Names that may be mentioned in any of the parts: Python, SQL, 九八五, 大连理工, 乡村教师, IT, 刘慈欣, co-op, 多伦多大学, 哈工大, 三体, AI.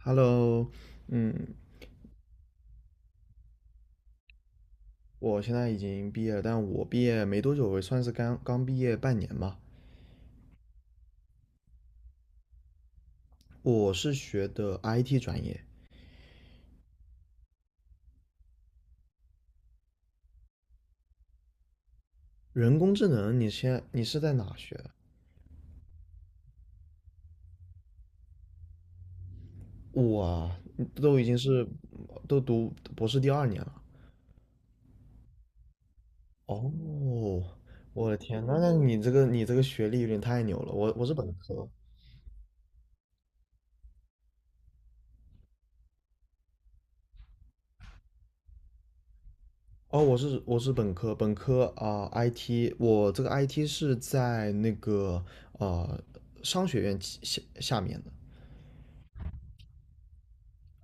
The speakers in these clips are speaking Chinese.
Hello。嗯。我现在已经毕业了，但我毕业没多久，我算是刚刚毕业半年吧。我是学的 IT 专业，人工智能。你现在在哪学的？我啊都已经是都读博士第二年了。哦，我的天那你这个学历有点太牛了。我是本科。哦，我是本科，本科啊，IT，我这个 IT 是在那个呃商学院旗下下面的。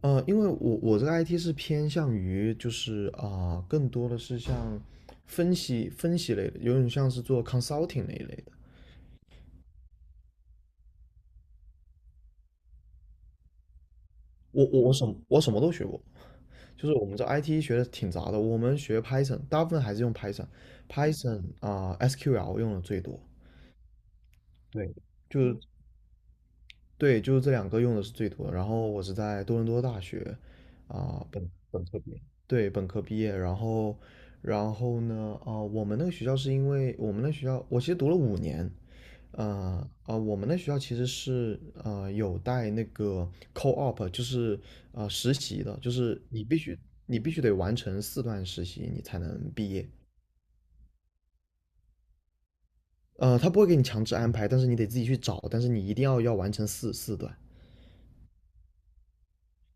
因为我这个 IT 是偏向于就是啊、更多的是像分析分析类的，有点像是做 consulting 那一类的。我什么都学过，就是我们这 IT 学的挺杂的。我们学 Python，大部分还是用 Python，Python 啊、SQL 用的最多。对。就是对，就是这两个用的是最多的。然后我是在多伦多大学啊、本科毕业。对，本科毕业，然后，呢？啊、我们那个学校是因为我们那学校，我其实读了5年。啊、我们那学校其实是有带那个 co-op，就是实习的，就是你必须得完成4段实习，你才能毕业。他不会给你强制安排，但是你得自己去找，但是你一定要完成四段。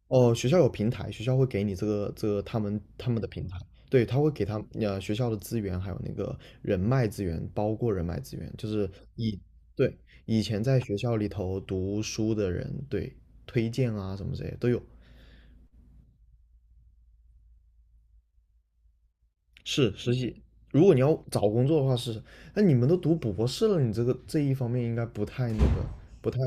哦，学校有平台，学校会给你这个他们的平台。对，他会给学校的资源，还有那个人脉资源，包括人脉资源，就是以对，以前在学校里头读书的人。对。推荐啊什么这些都有。是实习，如果你要找工作的话是。那你们都读博士了，你这个这一方面应该不太那个不太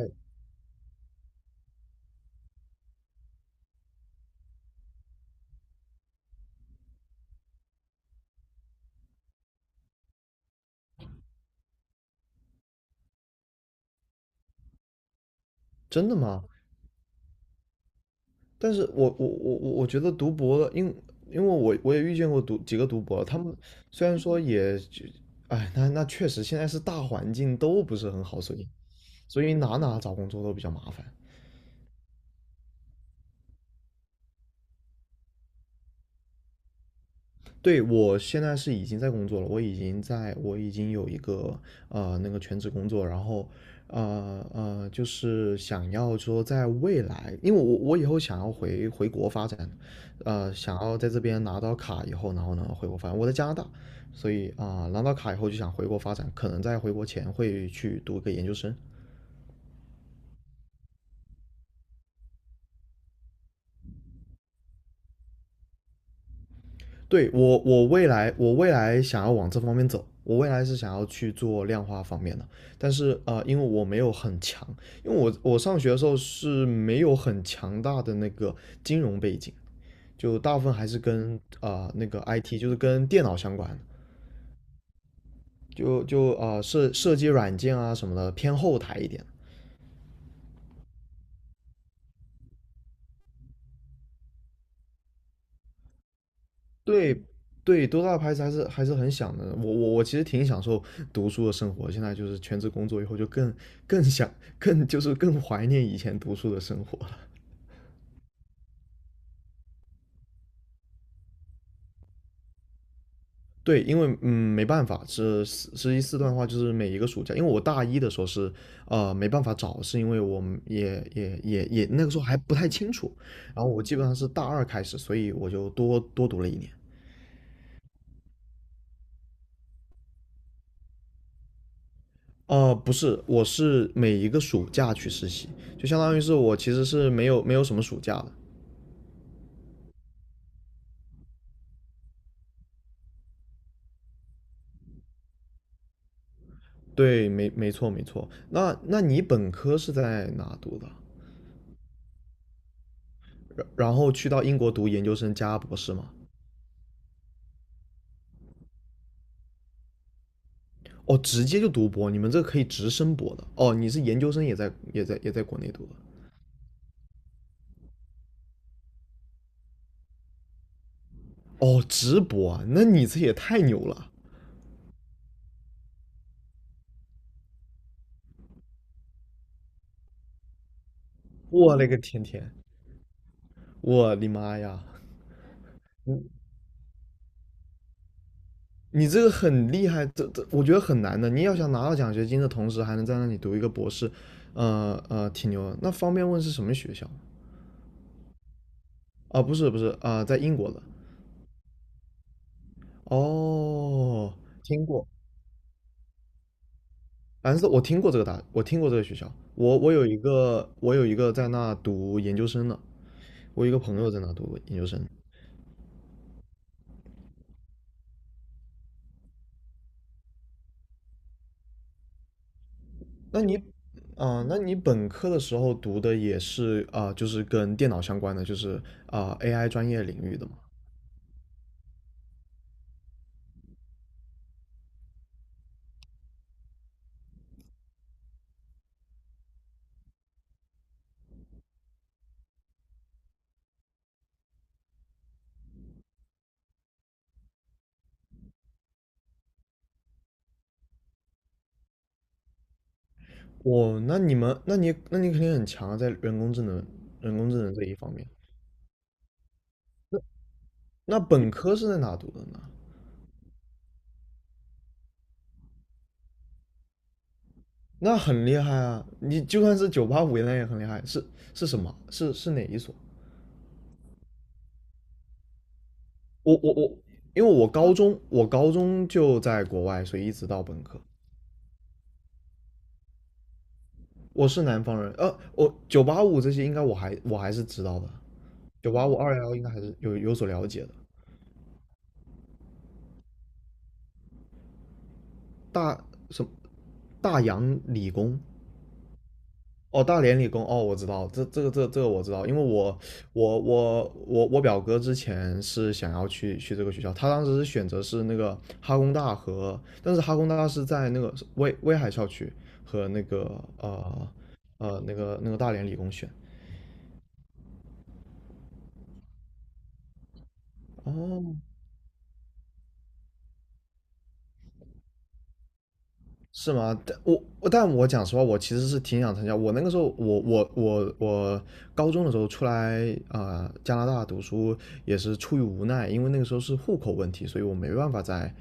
真的吗？但是我觉得读博的，因为我也遇见过读几个读博的他们虽然说也就，哎，那确实现在是大环境都不是很好，所以哪找工作都比较麻烦。对，我现在是已经在工作了，我已经有一个那个全职工作，然后就是想要说在未来，因为我以后想要回国发展。想要在这边拿到卡以后，然后呢回国发展。我在加拿大，所以啊、拿到卡以后就想回国发展，可能在回国前会去读个研究生。对，我未来想要往这方面走，我未来是想要去做量化方面的，但是因为我没有很强，因为我上学的时候是没有很强大的那个金融背景，就大部分还是跟啊那个 IT，就是跟电脑相关的，就设计软件啊什么的偏后台一点。对对，多大的牌子还是很想的。我其实挺享受读书的生活，现在就是全职工作以后就更更想更就是更怀念以前读书的生活了。对，因为没办法，是实习四段的话，就是每一个暑假，因为我大一的时候是没办法找，是因为我们也那个时候还不太清楚，然后我基本上是大二开始，所以我就多读了一年。不是，我是每一个暑假去实习，就相当于是我其实是没有什么暑假的。对，没错没错。那你本科是在哪读的？然后去到英国读研究生加博士吗？哦，直接就读博，你们这个可以直升博的。哦，你是研究生也在国内读的。哦，直博啊，那你这也太牛了！我勒个天，我的妈呀！你你这个很厉害，这我觉得很难的。你要想拿到奖学金的同时，还能在那里读一个博士，挺牛的。那方便问是什么学校吗？啊，不是，不是啊，在英国的。哦，听过。反正我听过这个学校。我有一个，我有一个在那读研究生的，我有一个朋友在那读研究生。那你，啊、那你本科的时候读的也是啊、就是跟电脑相关的，就是啊、AI 专业领域的嘛？那你肯定很强啊，在人工智能这一方面。那本科是在哪读的呢？那很厉害啊！你就算是九八五，那也很厉害。是是什么？是哪一所？我我我，因为我高中就在国外，所以一直到本科。我是南方人，我九八五这些应该我还是知道的，985211应该还是有所了解的。大什么大洋理工哦，大连理工，哦，我知道，这个我知道，因为我表哥之前是想要去这个学校，他当时是选择是那个哈工大和，但是哈工大是在那个威海校区和那个呃那个大连理工选。哦，是吗？但我讲实话，我其实是挺想参加。我那个时候，我高中的时候出来啊、加拿大读书也是出于无奈，因为那个时候是户口问题，所以我没办法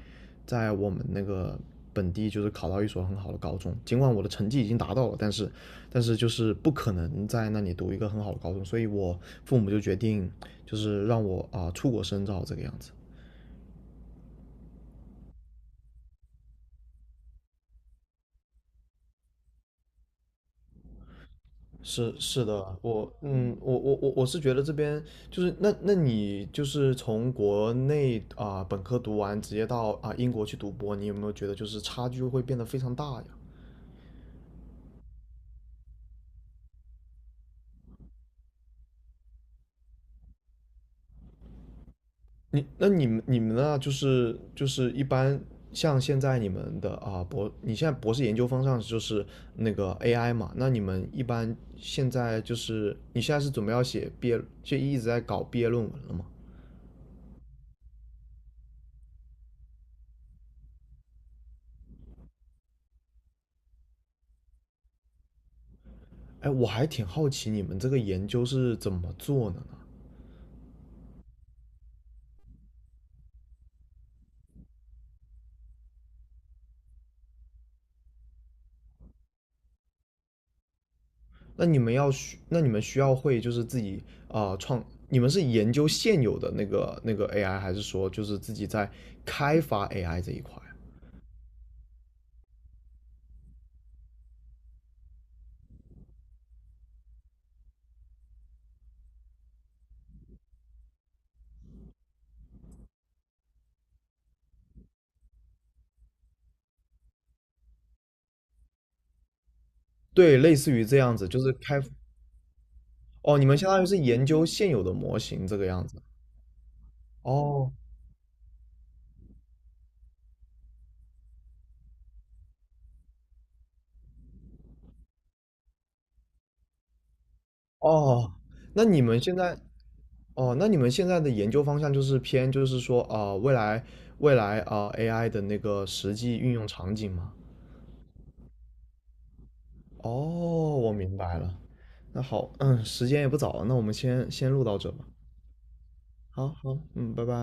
在我们那个本地就是考到一所很好的高中。尽管我的成绩已经达到了，但是就是不可能在那里读一个很好的高中，所以我父母就决定就是让我啊、出国深造这个样子。是是的。我嗯，我我我我是觉得这边就是那你就是从国内啊、本科读完，直接到啊、英国去读博，你有没有觉得就是差距会变得非常大呀？你们呢？就是一般像现在你们的啊、你现在博士研究方向就是那个 AI 嘛？那你们一般现在就是你现在是准备要写毕业，就一直在搞毕业论文了吗？哎，我还挺好奇你们这个研究是怎么做的呢？那你们需要会就是自己啊、创，你们是研究现有的那个 AI，还是说就是自己在开发 AI 这一块啊？对，类似于这样子，就是开，哦，你们相当于是研究现有的模型这个样子。哦哦，那你们现在，哦，那你们现在的研究方向就是偏就是说啊、未来啊、AI 的那个实际运用场景吗？哦，我明白了。那好，时间也不早了，那我们先录到这吧。好好，嗯，拜拜。